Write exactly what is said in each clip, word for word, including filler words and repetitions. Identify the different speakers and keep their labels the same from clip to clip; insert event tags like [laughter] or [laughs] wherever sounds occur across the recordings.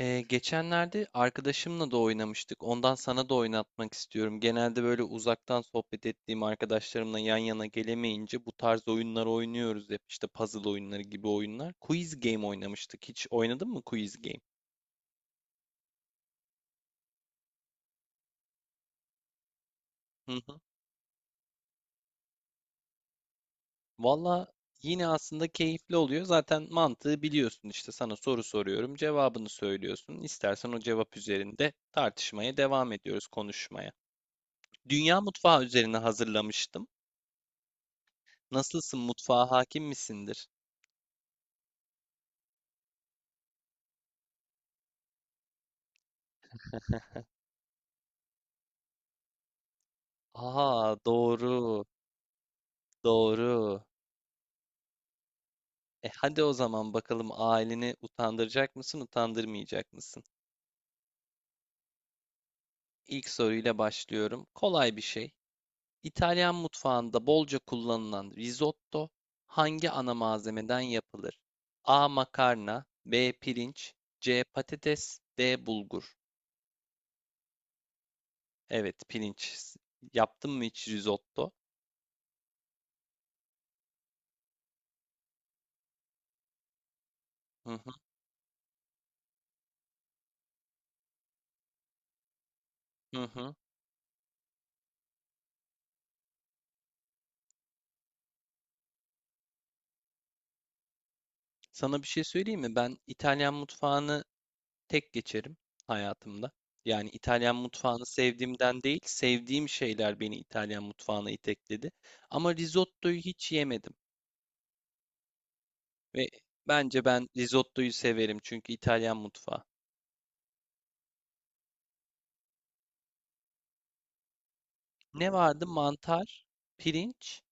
Speaker 1: Ee, geçenlerde arkadaşımla da oynamıştık. Ondan sana da oynatmak istiyorum. Genelde böyle uzaktan sohbet ettiğim arkadaşlarımla yan yana gelemeyince bu tarz oyunlar oynuyoruz hep. İşte puzzle oyunları gibi oyunlar. Quiz game oynamıştık. Hiç oynadın mı quiz game? Hı hı. Valla yine aslında keyifli oluyor. Zaten mantığı biliyorsun. İşte sana soru soruyorum, cevabını söylüyorsun. İstersen o cevap üzerinde tartışmaya devam ediyoruz, konuşmaya. Dünya mutfağı üzerine hazırlamıştım. Nasılsın? Mutfağa hakim misindir? Aa doğru, doğru. E hadi o zaman bakalım aileni utandıracak mısın, utandırmayacak mısın? İlk soruyla başlıyorum. Kolay bir şey. İtalyan mutfağında bolca kullanılan risotto hangi ana malzemeden yapılır? A. Makarna, B. Pirinç, C. Patates, D. Bulgur. Evet, pirinç. Yaptın mı hiç risotto? Hı hı, hı hı. Sana bir şey söyleyeyim mi? Ben İtalyan mutfağını tek geçerim hayatımda. Yani İtalyan mutfağını sevdiğimden değil, sevdiğim şeyler beni İtalyan mutfağına itekledi. Ama risottoyu hiç yemedim ve bence ben risottoyu severim çünkü İtalyan mutfağı. Ne vardı? Mantar, pirinç.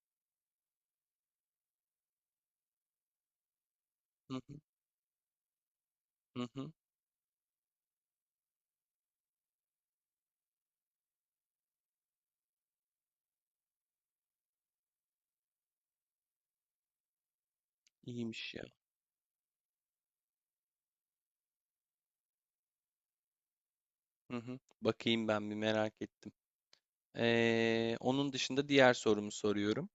Speaker 1: Hı hı hı hı. İyiymiş ya. Hı hı. Bakayım ben bir merak ettim. Ee, onun dışında diğer sorumu soruyorum.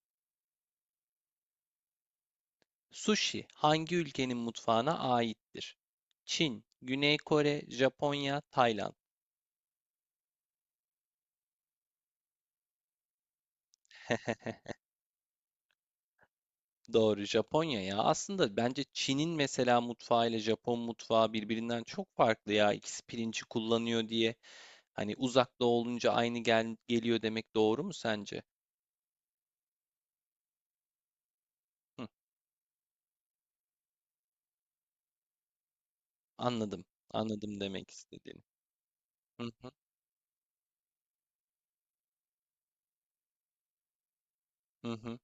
Speaker 1: Sushi hangi ülkenin mutfağına aittir? Çin, Güney Kore, Japonya, Tayland. Doğru, Japonya ya. Aslında bence Çin'in mesela mutfağı ile Japon mutfağı birbirinden çok farklı ya. İkisi pirinci kullanıyor diye. Hani uzakta olunca aynı gel geliyor demek doğru mu sence? Hı, anladım. Anladım demek istediğini. Hı hı, hı hı.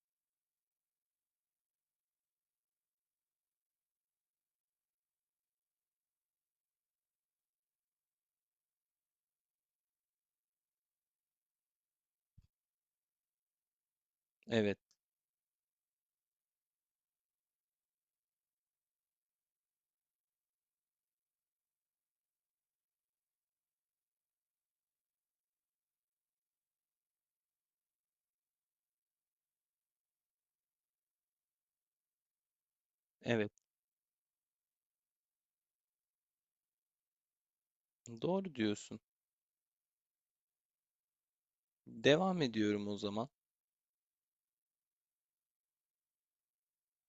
Speaker 1: Evet, evet. Doğru diyorsun. Devam ediyorum o zaman.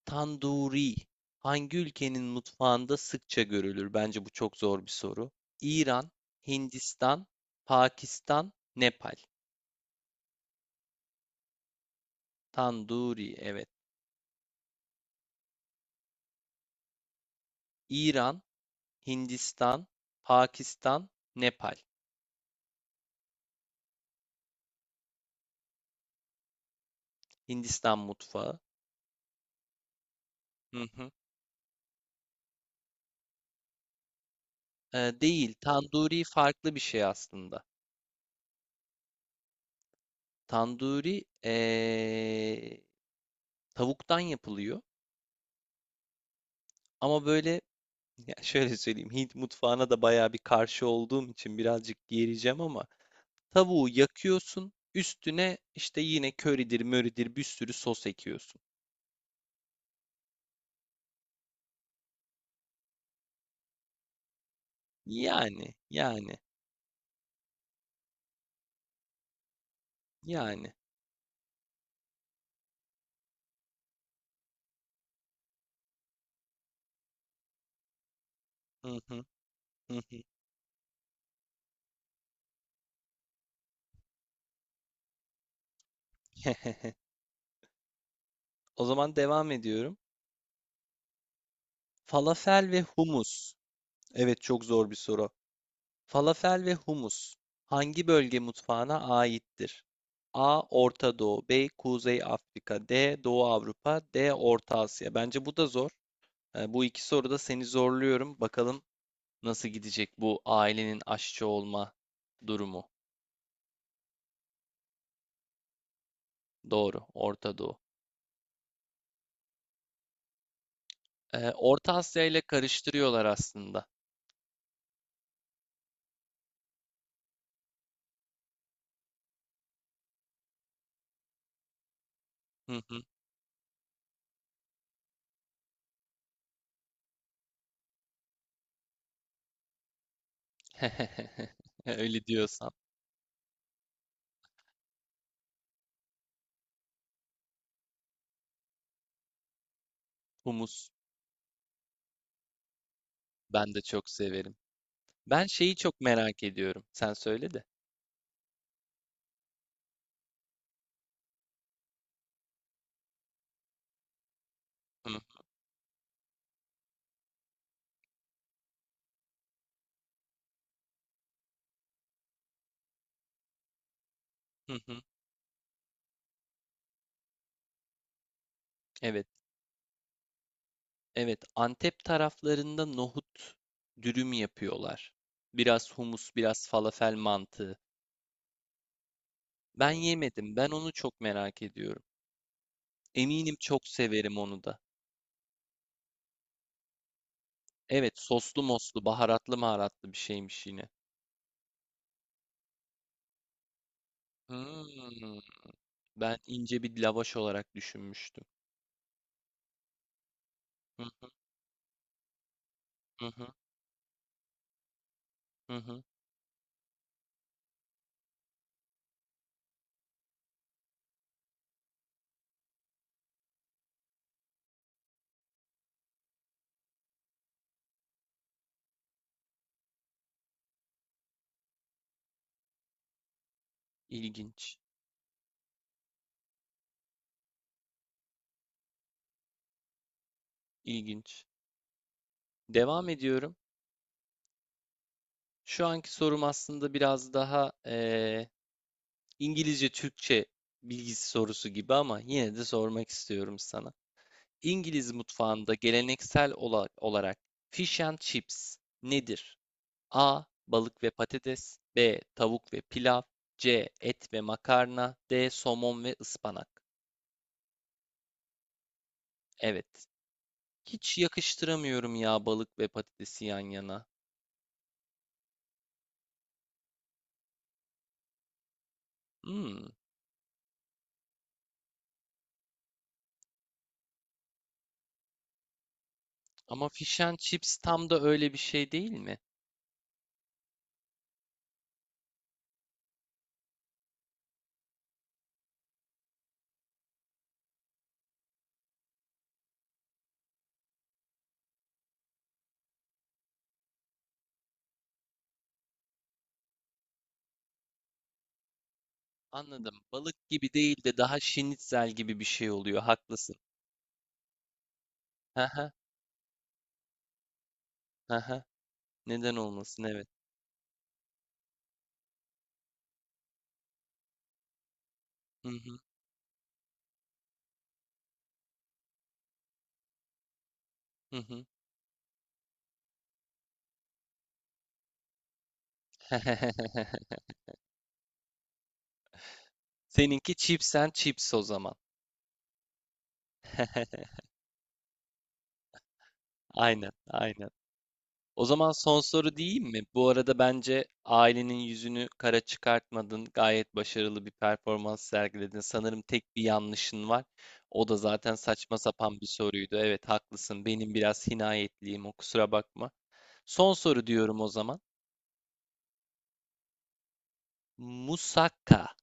Speaker 1: Tanduri. Hangi ülkenin mutfağında sıkça görülür? Bence bu çok zor bir soru. İran, Hindistan, Pakistan, Nepal. Tanduri, evet. İran, Hindistan, Pakistan, Nepal. Hindistan mutfağı. Hı hı. Ee, değil, tanduri farklı bir şey aslında. Tanduri ee, tavuktan yapılıyor. Ama böyle ya şöyle söyleyeyim, Hint mutfağına da bayağı bir karşı olduğum için birazcık yereceğim ama tavuğu yakıyorsun, üstüne işte yine köridir, möridir bir sürü sos ekiyorsun. Yani, yani, Yani. Hı hı, hı hı. [laughs] O zaman devam ediyorum. Falafel ve humus. Evet çok zor bir soru. Falafel ve humus hangi bölge mutfağına aittir? A. Orta Doğu, B. Kuzey Afrika, D. Doğu Avrupa, D. Orta Asya. Bence bu da zor. E, bu iki soruda seni zorluyorum. Bakalım nasıl gidecek bu ailenin aşçı olma durumu. Doğru, Orta Doğu. E, Orta Asya ile karıştırıyorlar aslında. Hı hı. [laughs] Öyle diyorsan. Humus ben de çok severim. Ben şeyi çok merak ediyorum. Sen söyle de. Hı, hı, hı. Evet, evet. Antep taraflarında nohut dürüm yapıyorlar. Biraz humus, biraz falafel mantığı. Ben yemedim. Ben onu çok merak ediyorum. Eminim çok severim onu da. Evet, soslu moslu, baharatlı maharatlı bir şeymiş yine. Hmm, ben ince bir lavaş olarak düşünmüştüm. Hı hı, hı hı, hı hı. İlginç, ilginç. Devam ediyorum. Şu anki sorum aslında biraz daha eee, İngilizce Türkçe bilgisi sorusu gibi ama yine de sormak istiyorum sana. İngiliz mutfağında geleneksel ola- olarak fish and chips nedir? A. Balık ve patates, B. Tavuk ve pilav, C. Et ve makarna, D. Somon ve ıspanak. Evet. Hiç yakıştıramıyorum ya balık ve patatesi yan yana. Hmm, ama fish and chips tam da öyle bir şey değil mi? Anladım. Balık gibi değil de daha şinitzel gibi bir şey oluyor. Haklısın. Haha, haha. Neden olmasın? Evet. Hı hı, hı hı. [laughs] Seninki chips and chips o zaman. [laughs] Aynen, aynen. O zaman son soru diyeyim mi? Bu arada bence ailenin yüzünü kara çıkartmadın. Gayet başarılı bir performans sergiledin. Sanırım tek bir yanlışın var. O da zaten saçma sapan bir soruydu. Evet, haklısın. Benim biraz hinayetliyim. O kusura bakma. Son soru diyorum o zaman. Musakka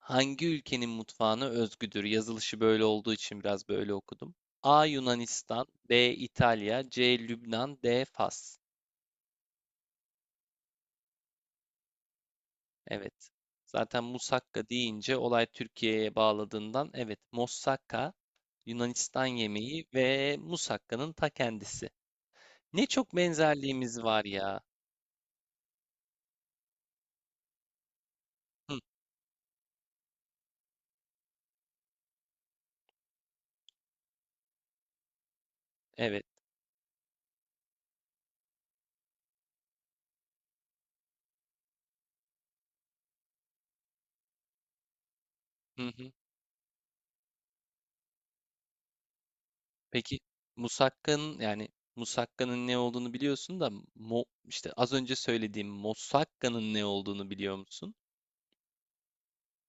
Speaker 1: hangi ülkenin mutfağına özgüdür? Yazılışı böyle olduğu için biraz böyle okudum. A. Yunanistan, B. İtalya, C. Lübnan, D. Fas. Evet. Zaten musakka deyince olay Türkiye'ye bağladığından evet moussaka Yunanistan yemeği ve musakkanın ta kendisi. Ne çok benzerliğimiz var ya. Hı, evet. Hı hı. Peki Musakka'nın yani Musakka'nın ne olduğunu biliyorsun da mo, işte az önce söylediğim Mosakka'nın ne olduğunu biliyor musun?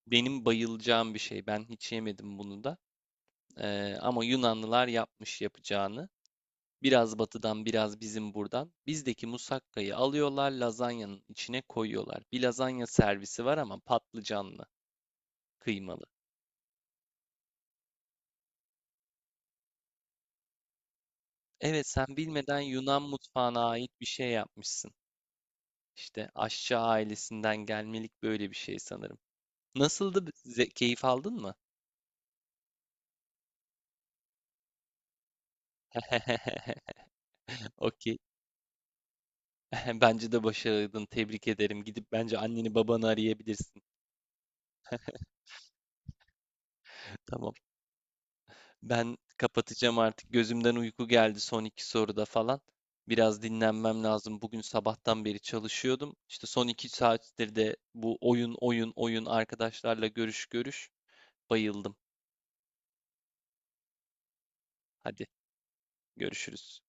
Speaker 1: Benim bayılacağım bir şey. Ben hiç yemedim bunu da. Ee, ama Yunanlılar yapmış yapacağını. Biraz batıdan biraz bizim buradan. Bizdeki musakkayı alıyorlar lazanyanın içine koyuyorlar. Bir lazanya servisi var ama patlıcanlı, kıymalı. Evet sen bilmeden Yunan mutfağına ait bir şey yapmışsın. İşte aşçı ailesinden gelmelik böyle bir şey sanırım. Nasıldı? ze- Keyif aldın mı? [laughs] Okey. [laughs] Bence de başardın. Tebrik ederim. Gidip bence anneni babanı arayabilirsin. [laughs] Tamam. Ben kapatacağım artık. Gözümden uyku geldi son iki soruda falan. Biraz dinlenmem lazım. Bugün sabahtan beri çalışıyordum. İşte son iki saattir de bu oyun oyun oyun arkadaşlarla görüş görüş. Bayıldım. Hadi görüşürüz.